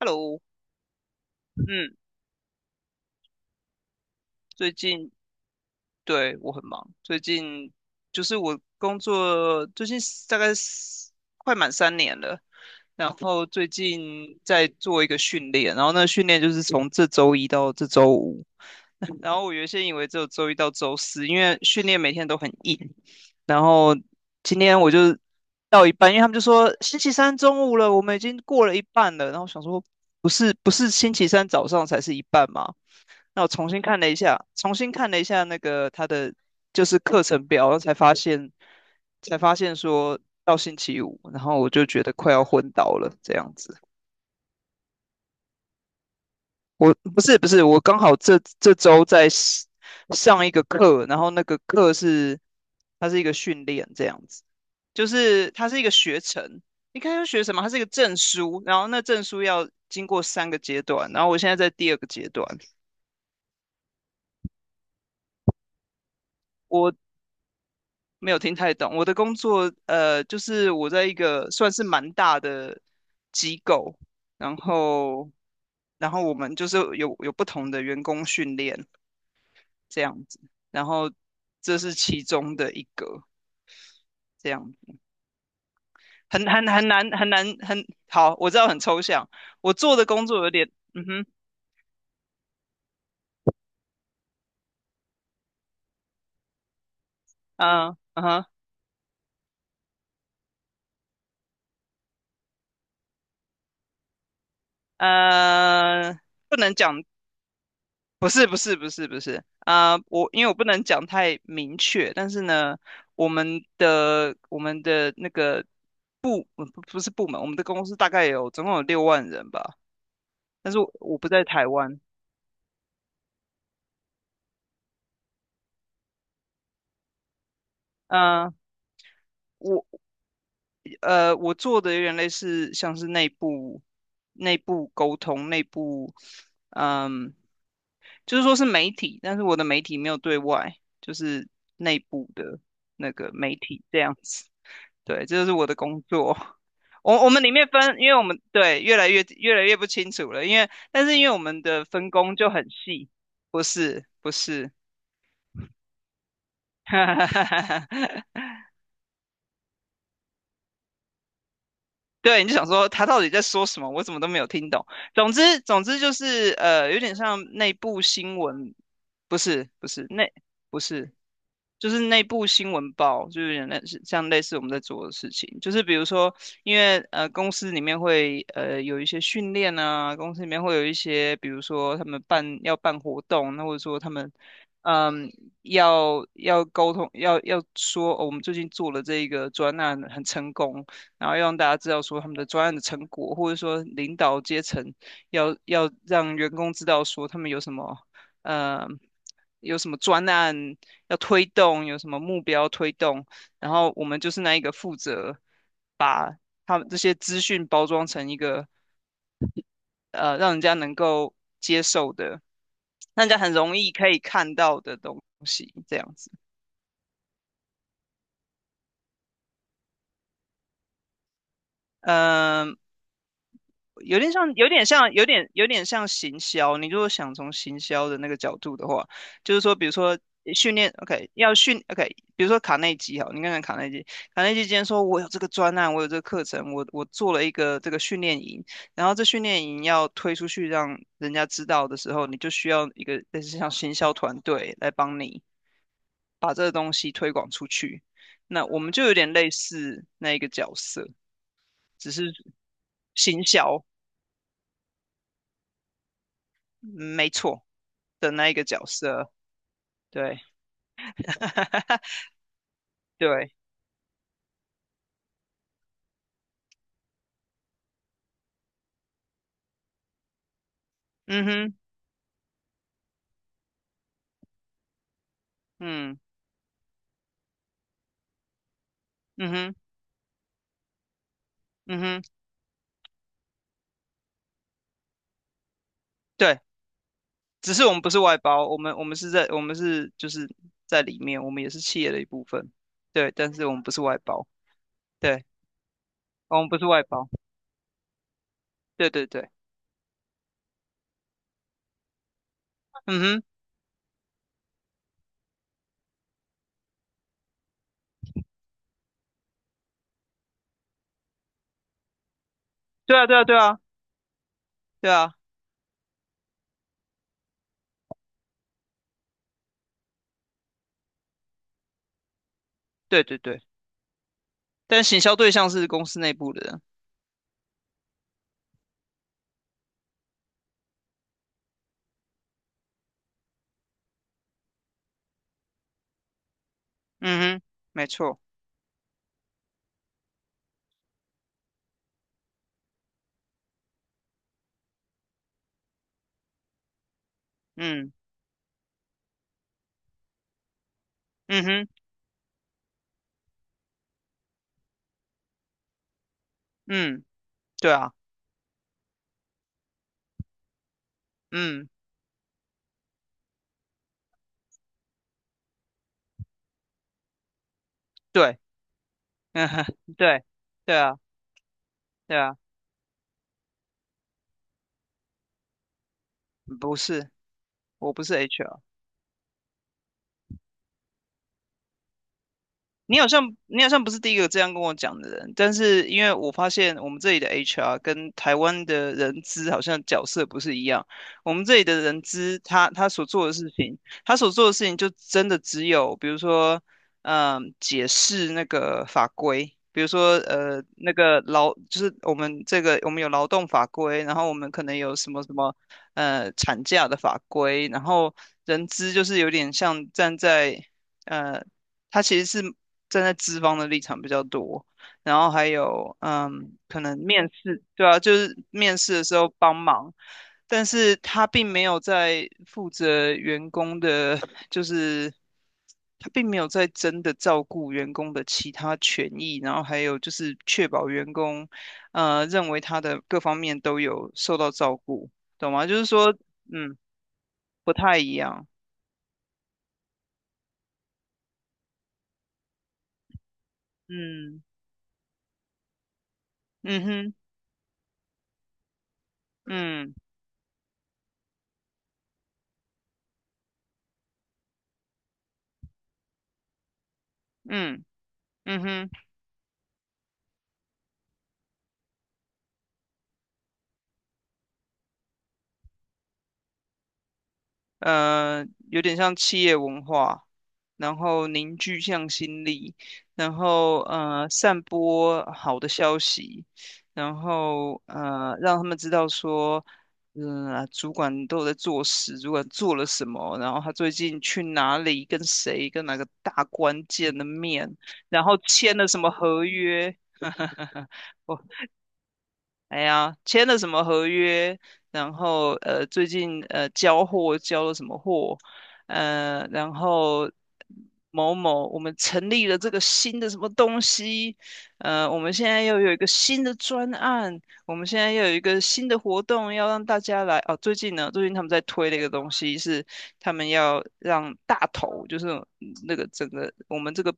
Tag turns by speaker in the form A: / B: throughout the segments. A: Hello，嗯，最近，对，我很忙。最近就是我工作最近大概是快满3年了。然后最近在做一个训练，然后那个训练就是从这周一到这周五。然后我原先以为只有周一到周四，因为训练每天都很硬。然后今天我就到一半，因为他们就说星期三中午了，我们已经过了一半了，然后我想说不是不是星期三早上才是一半吗？那我重新看了一下，重新看了一下那个他的就是课程表，然后才发现，才发现说到星期五，然后我就觉得快要昏倒了这样子。我不是不是，我刚好这周在 上一个课，然后那个课是它是一个训练这样子，就是它是一个学程。你看要学什么？它是一个证书，然后那证书要经过三个阶段，然后我现在在第二个阶段。我。没有听太懂。我的工作，就是我在一个算是蛮大的机构，然后，然后我们就是有不同的员工训练这样子，然后这是其中的一个这样子。很难很难，很好，我知道很抽象。我做的工作有点，嗯哼，嗯嗯哼，呃，不能讲，不是不是不是不是啊、我因为我不能讲太明确，但是呢，我们的那个我不是部门，我们的公司大概有总共有6万人吧。但是我，我不在台湾。嗯、呃我我做的有点类似像是内部，沟通，内部，嗯、就是说是媒体，但是我的媒体没有对外，就是内部的那个媒体这样子。对，这就是我的工作。我们里面分，因为我们对越来越不清楚了。但是因为我们的分工就很细。不是不是。对，你就想说他到底在说什么，我怎么都没有听懂。总之就是有点像内部新闻。不是不是，不是，就是内部新闻报，就是有点类似像类似我们在做的事情，就是比如说，因为公司里面会有一些训练啊，公司里面会有一些，比如说他们办要办活动，那或者说他们，嗯要沟通，要说，哦，我们最近做了这一个专案很成功。然后要让大家知道说他们的专案的成果，或者说领导阶层要让员工知道说他们有什么，呃有什么专案，要推动，有什么目标推动。然后我们就是那一个负责把他们这些资讯包装成一个，让人家能够接受的，让人家很容易可以看到的东西，这样子。嗯、有点像，有点像，有点像行销。你如果想从行销的那个角度的话，就是说，比如说训练，OK，OK，比如说卡内基哈，你看看卡内基，卡内基今天说我有这个专案，我有这个课程，我做了一个这个训练营。然后这训练营要推出去让人家知道的时候，你就需要一个类似像行销团队来帮你把这个东西推广出去。那我们就有点类似那一个角色，只是行销。嗯，没错，的那一个角色，对。对，嗯哼，嗯，嗯哼，嗯哼，对。只是我们不是外包，我们是在我们是就是在里面，我们也是企业的一部分，对。但是我们不是外包，对，我们不是外包。对对对，嗯哼，对啊对啊对啊对啊，对对对，但行销对象是公司内部的人。嗯哼，没错。嗯嗯哼，嗯，对啊，嗯，对。嗯哼，对，对啊对啊。不是。我不是 HR。你好像不是第一个这样跟我讲的人，但是因为我发现我们这里的 HR 跟台湾的人资好像角色不是一样。我们这里的人资他所做的事情，他所做的事情就真的只有比如说，解释那个法规。比如说，那个劳就是我们这个，我们有劳动法规，然后我们可能有什么什么，产假的法规，然后人资就是有点像站在，呃他其实是站在资方的立场比较多，然后还有可能面试，对啊，就是面试的时候帮忙，但是他并没有在负责员工的，就是他并没有在真的照顾员工的其他权益，然后还有就是确保员工认为他的各方面都有受到照顾，懂吗？就是说，嗯，不太一样。嗯嗯哼，嗯嗯嗯哼。呃，有点像企业文化，然后凝聚向心力，然后散播好的消息，然后让他们知道说，啊主管都有在做事，主管做了什么，然后他最近去哪里，跟谁，跟哪个大关键的面，然后签了什么合约。哎呀，签了什么合约，然后最近交货交了什么货，然后某某我们成立了这个新的什么东西。我们现在又有一个新的专案，我们现在又有一个新的活动要让大家来哦。最近呢，最近他们在推的一个东西是他们要让大头，就是那个整个我们这个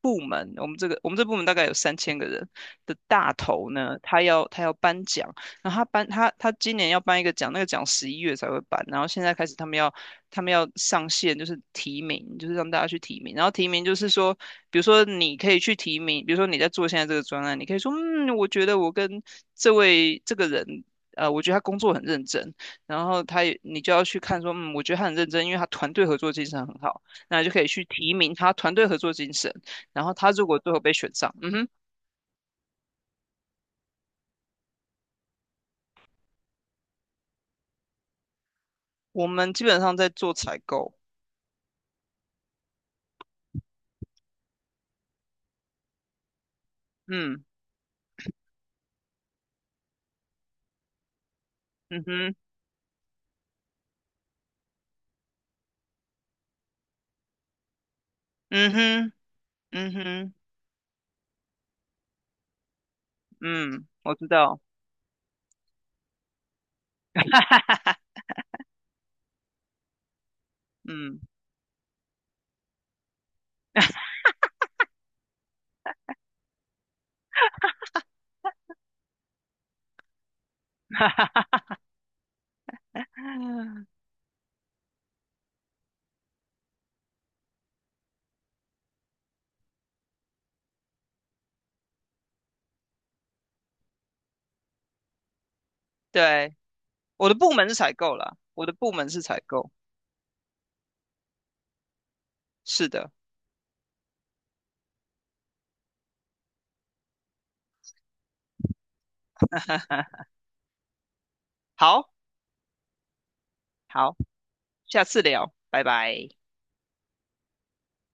A: 部门，我们这个我们这部门大概有3000个人的大头呢，他要颁奖。然后他今年要颁一个奖，那个奖11月才会颁。然后现在开始他们要上线，就是提名，就是让大家去提名，然后提名就是说，比如说你可以去提名，比如说你在做现在这个专案，你可以说，嗯，我觉得我跟这位这个人。我觉得他工作很认真，然后他也，你就要去看说，嗯，我觉得他很认真，因为他团队合作精神很好，那你就可以去提名他团队合作精神。然后他如果最后被选上。嗯哼，我们基本上在做采购。嗯嗯哼嗯哼嗯哼嗯，我知道，嗯。哈哈，对，我的部门是采购啦，我的部门是采购。是的。好，好，下次聊，拜拜。